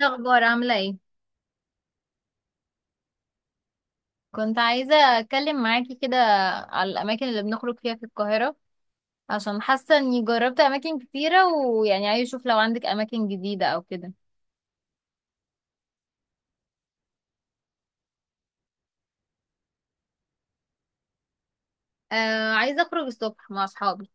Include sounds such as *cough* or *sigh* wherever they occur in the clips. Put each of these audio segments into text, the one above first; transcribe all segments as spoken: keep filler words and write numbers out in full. الأخبار عاملة ايه؟ كنت عايزة أتكلم معاكي كده على الأماكن اللي بنخرج فيها في القاهرة، عشان حاسة إني جربت أماكن كتيرة ويعني عايزة أشوف لو عندك أماكن جديدة أو كده. آه، عايزة أخرج الصبح مع أصحابي.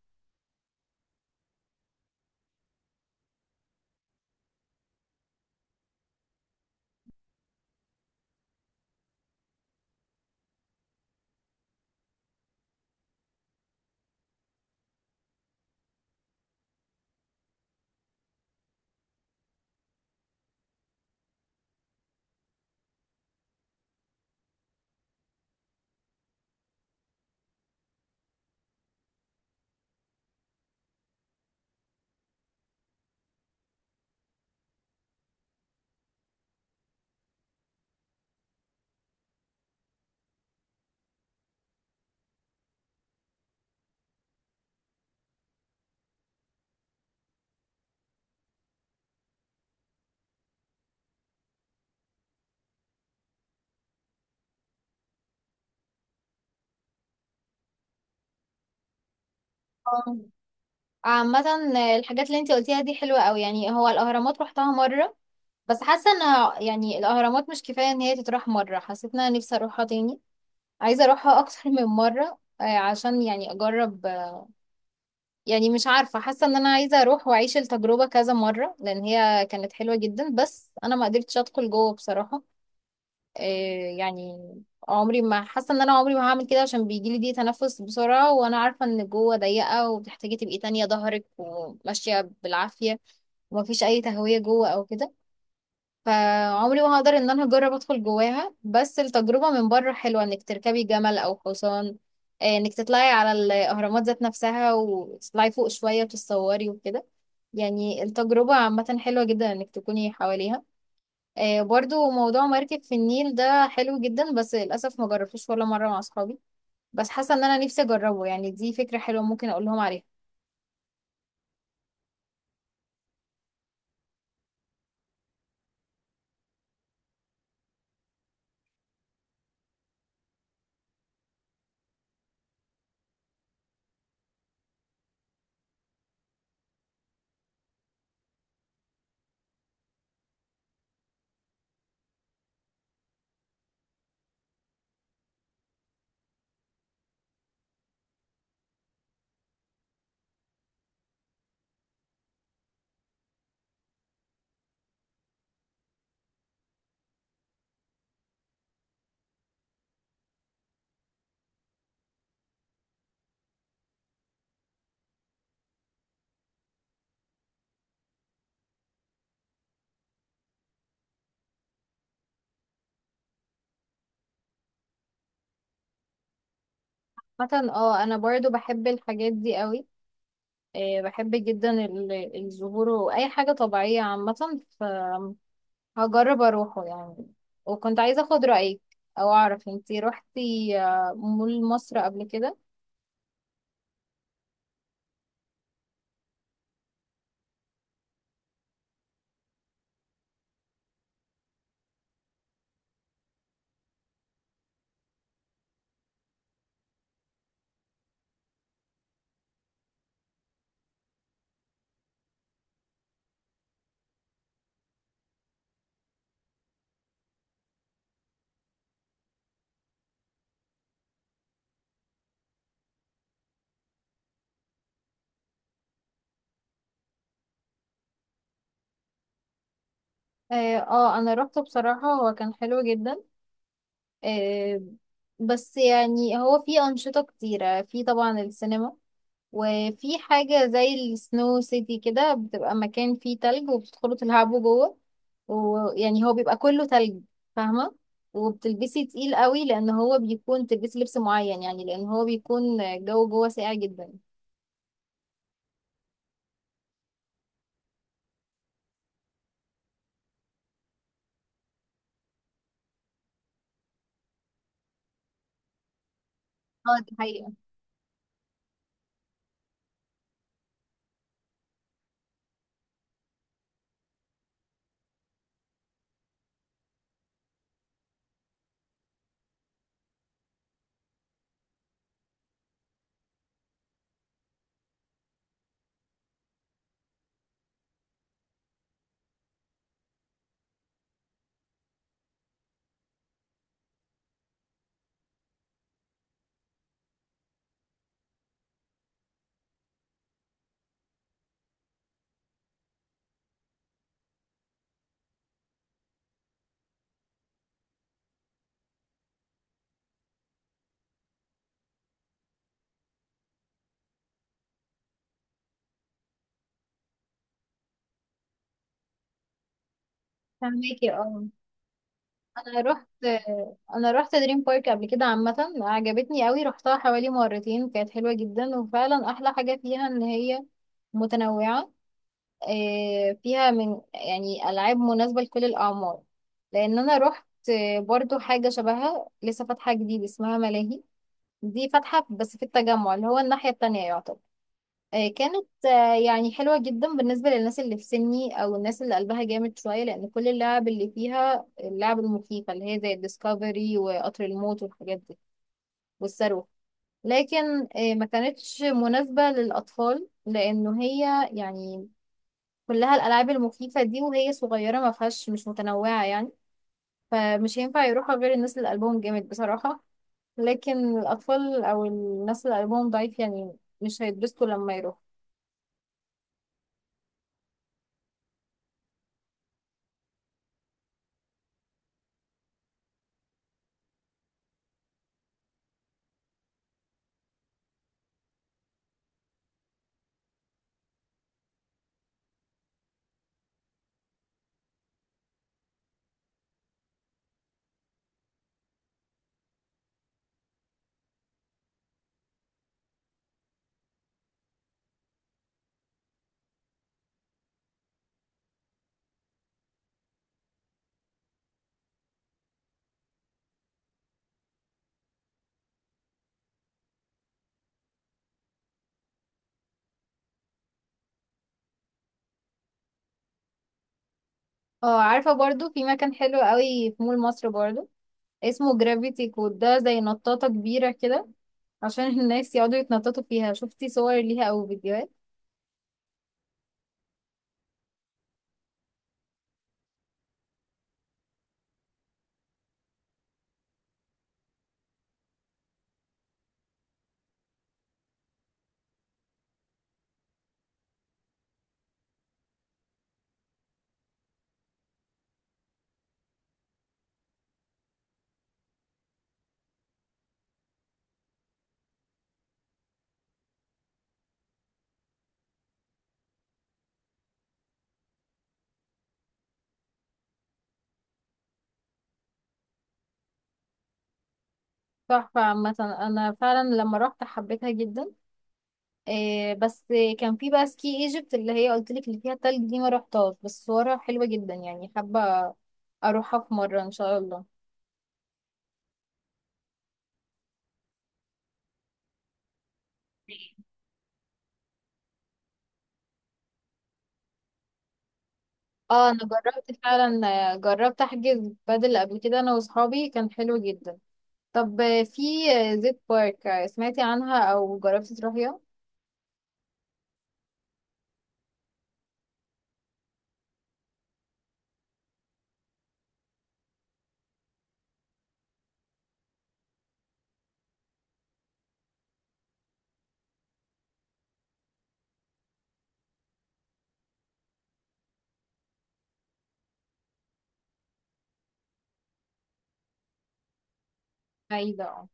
آه. عامة الحاجات اللي انتي قلتيها دي حلوة قوي، يعني هو الأهرامات روحتها مرة، بس حاسة انها يعني الأهرامات مش كفاية ان هي تتروح مرة. حسيت ان انا نفسي اروحها تاني، عايزة اروحها اكتر *laughs* من مرة، آه، عشان يعني اجرب. يعني مش عارفة، حاسة ان انا عايزة اروح واعيش التجربة كذا مرة لان هي كانت حلوة جدا، بس انا ما قدرتش ادخل جوه بصراحة. إيه يعني، عمري ما حاسة ان انا عمري ما هعمل كده، عشان بيجيلي دي تنفس بسرعة، وانا عارفة ان جوه ضيقة وبتحتاجي تبقي تانية ظهرك وماشية بالعافية، ومفيش اي تهوية جوه او كده. فعمري ما هقدر ان انا اجرب ادخل جواها، بس التجربة من بره حلوة، انك تركبي جمل او حصان، آه، انك تطلعي على الاهرامات ذات نفسها وتطلعي فوق شوية وتتصوري وكده. يعني التجربة عامة حلوة جدا انك تكوني حواليها. آه، برضو موضوع مركب في النيل ده حلو جدا، بس للأسف ما جربتوش ولا مرة مع اصحابي، بس حاسة ان انا نفسي اجربه، يعني دي فكرة حلوة، ممكن اقول لهم عليها. مثلا اه انا برضو بحب الحاجات دي قوي، آه، بحب جدا ال- الزهور واي حاجه طبيعيه عامه، فهجرب اروحه يعني. وكنت عايزه اخد رايك، او اعرف انتي روحتي آه، مول مصر قبل كده؟ اه، آه، انا روحته بصراحه، هو كان حلو جدا. آه، بس يعني هو فيه انشطه كتيره فيه طبعا السينما، وفي حاجة زي السنو سيتي كده، بتبقى مكان فيه تلج وبتدخلوا تلعبوا جوه، ويعني هو بيبقى كله تلج، فاهمة؟ وبتلبسي تقيل قوي، لأن هو بيكون تلبسي لبس معين، يعني لأن هو بيكون الجو جوه ساقع جدا. اه، دي حقيقة. فهماكي اه. أنا رحت أنا رحت دريم بارك قبل كده، عامة عجبتني قوي، رحتها حوالي مرتين، كانت حلوة جدا، وفعلا أحلى حاجة فيها إن هي متنوعة. آه، فيها من يعني ألعاب مناسبة لكل الأعمار. لأن أنا روحت آه، برضو حاجة شبهها لسه فاتحة جديد، اسمها ملاهي، دي فاتحة بس في التجمع اللي هو الناحية التانية يعتبر. آه، كانت آه، يعني حلوة جدا بالنسبة للناس اللي في سني أو الناس اللي قلبها جامد شوية، لأن كل اللعب اللي فيها اللعب المخيفة اللي هي زي الديسكفري وقطر الموت والحاجات دي، والصاروخ. لكن آه، ما كانتش مناسبة للأطفال، لأنه هي يعني كلها الالعاب المخيفه دي، وهي صغيره ما فيهاش، مش متنوعه يعني. فمش هينفع يروحها غير الناس اللي قلبهم جامد بصراحه، لكن الاطفال او الناس اللي قلبهم ضعيف يعني مش هيتبسطوا لما يروحوا. اه، عارفه برضو في مكان حلو قوي في مول مصر برضو، اسمه جرافيتي كود، ده زي نطاطه كبيره كده، عشان *laughs* الناس يقعدوا يتنططوا فيها. شفتي صور ليها او فيديوهات؟ تحفه عامه، انا فعلا لما رحت حبيتها جدا. إيه بس، كان في بقى سكي ايجيبت اللي هي قلت لك اللي فيها تلج دي، ما رحتهاش، بس صورها حلوة جدا، يعني حابة اروحها في مرة ان شاء الله. اه، انا جربت فعلا، آه، جربت احجز بدل قبل كده انا واصحابي، كان حلو جدا. طب آه، في آه، زيت بارك، آه، سمعتي عنها او جربتي تروحيها؟ بعيدة اه.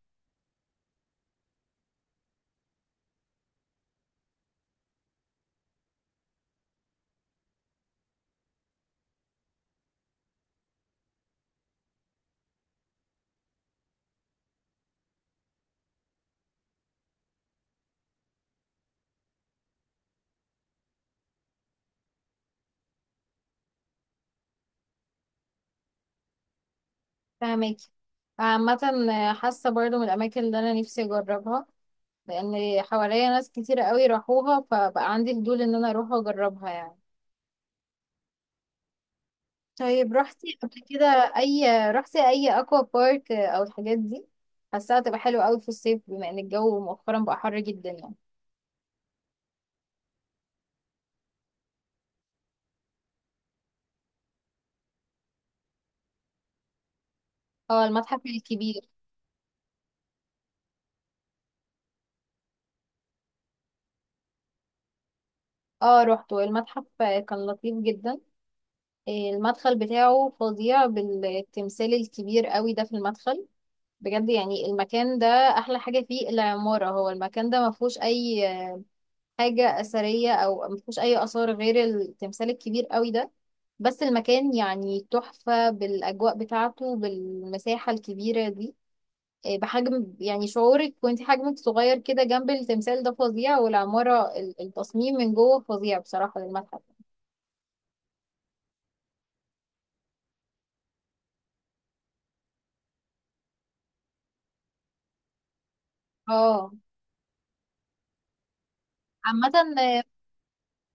فهماكي. عامة، آه، حاسة برضو من الاماكن اللي انا نفسي اجربها، لان حواليا ناس كتير قوي راحوها، فبقى عندي فضول ان انا اروح اجربها يعني. طيب رحتي قبل كده؟ اي، رحتي اي اكوا بارك او الحاجات دي؟ حاساها تبقى حلوه قوي في الصيف بما ان الجو مؤخرا بقى حر جدا يعني. اه، المتحف الكبير. اه، روحته المتحف كان لطيف جدا. إيه، المدخل بتاعه فظيع بالتمثال الكبير قوي ده في المدخل، بجد. يعني المكان ده احلى حاجه فيه العماره، هو المكان ده ما فيهوش اي حاجة أثرية أو ما فيهوش أي آثار غير التمثال الكبير قوي ده، بس المكان يعني تحفة بالأجواء بتاعته بالمساحة الكبيرة دي. إيه، بحجم يعني شعورك وانت حجمك صغير كده جنب التمثال ده فظيع، والعمارة ال- التصميم من جوه فظيع بصراحة للمتحف. اه، عامة، آه،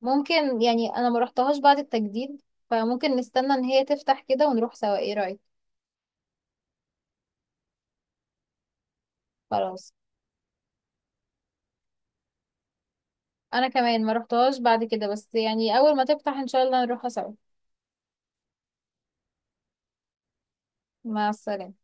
ممكن يعني، أنا ما رحتهاش بعد التجديد، فممكن نستنى إن هي تفتح كده ونروح سوا. ايه رأيك؟ خلاص. أنا كمان ما رحتهاش بعد كده، بس يعني أول ما تفتح إن شاء الله نروحها سوا. مع السلامة.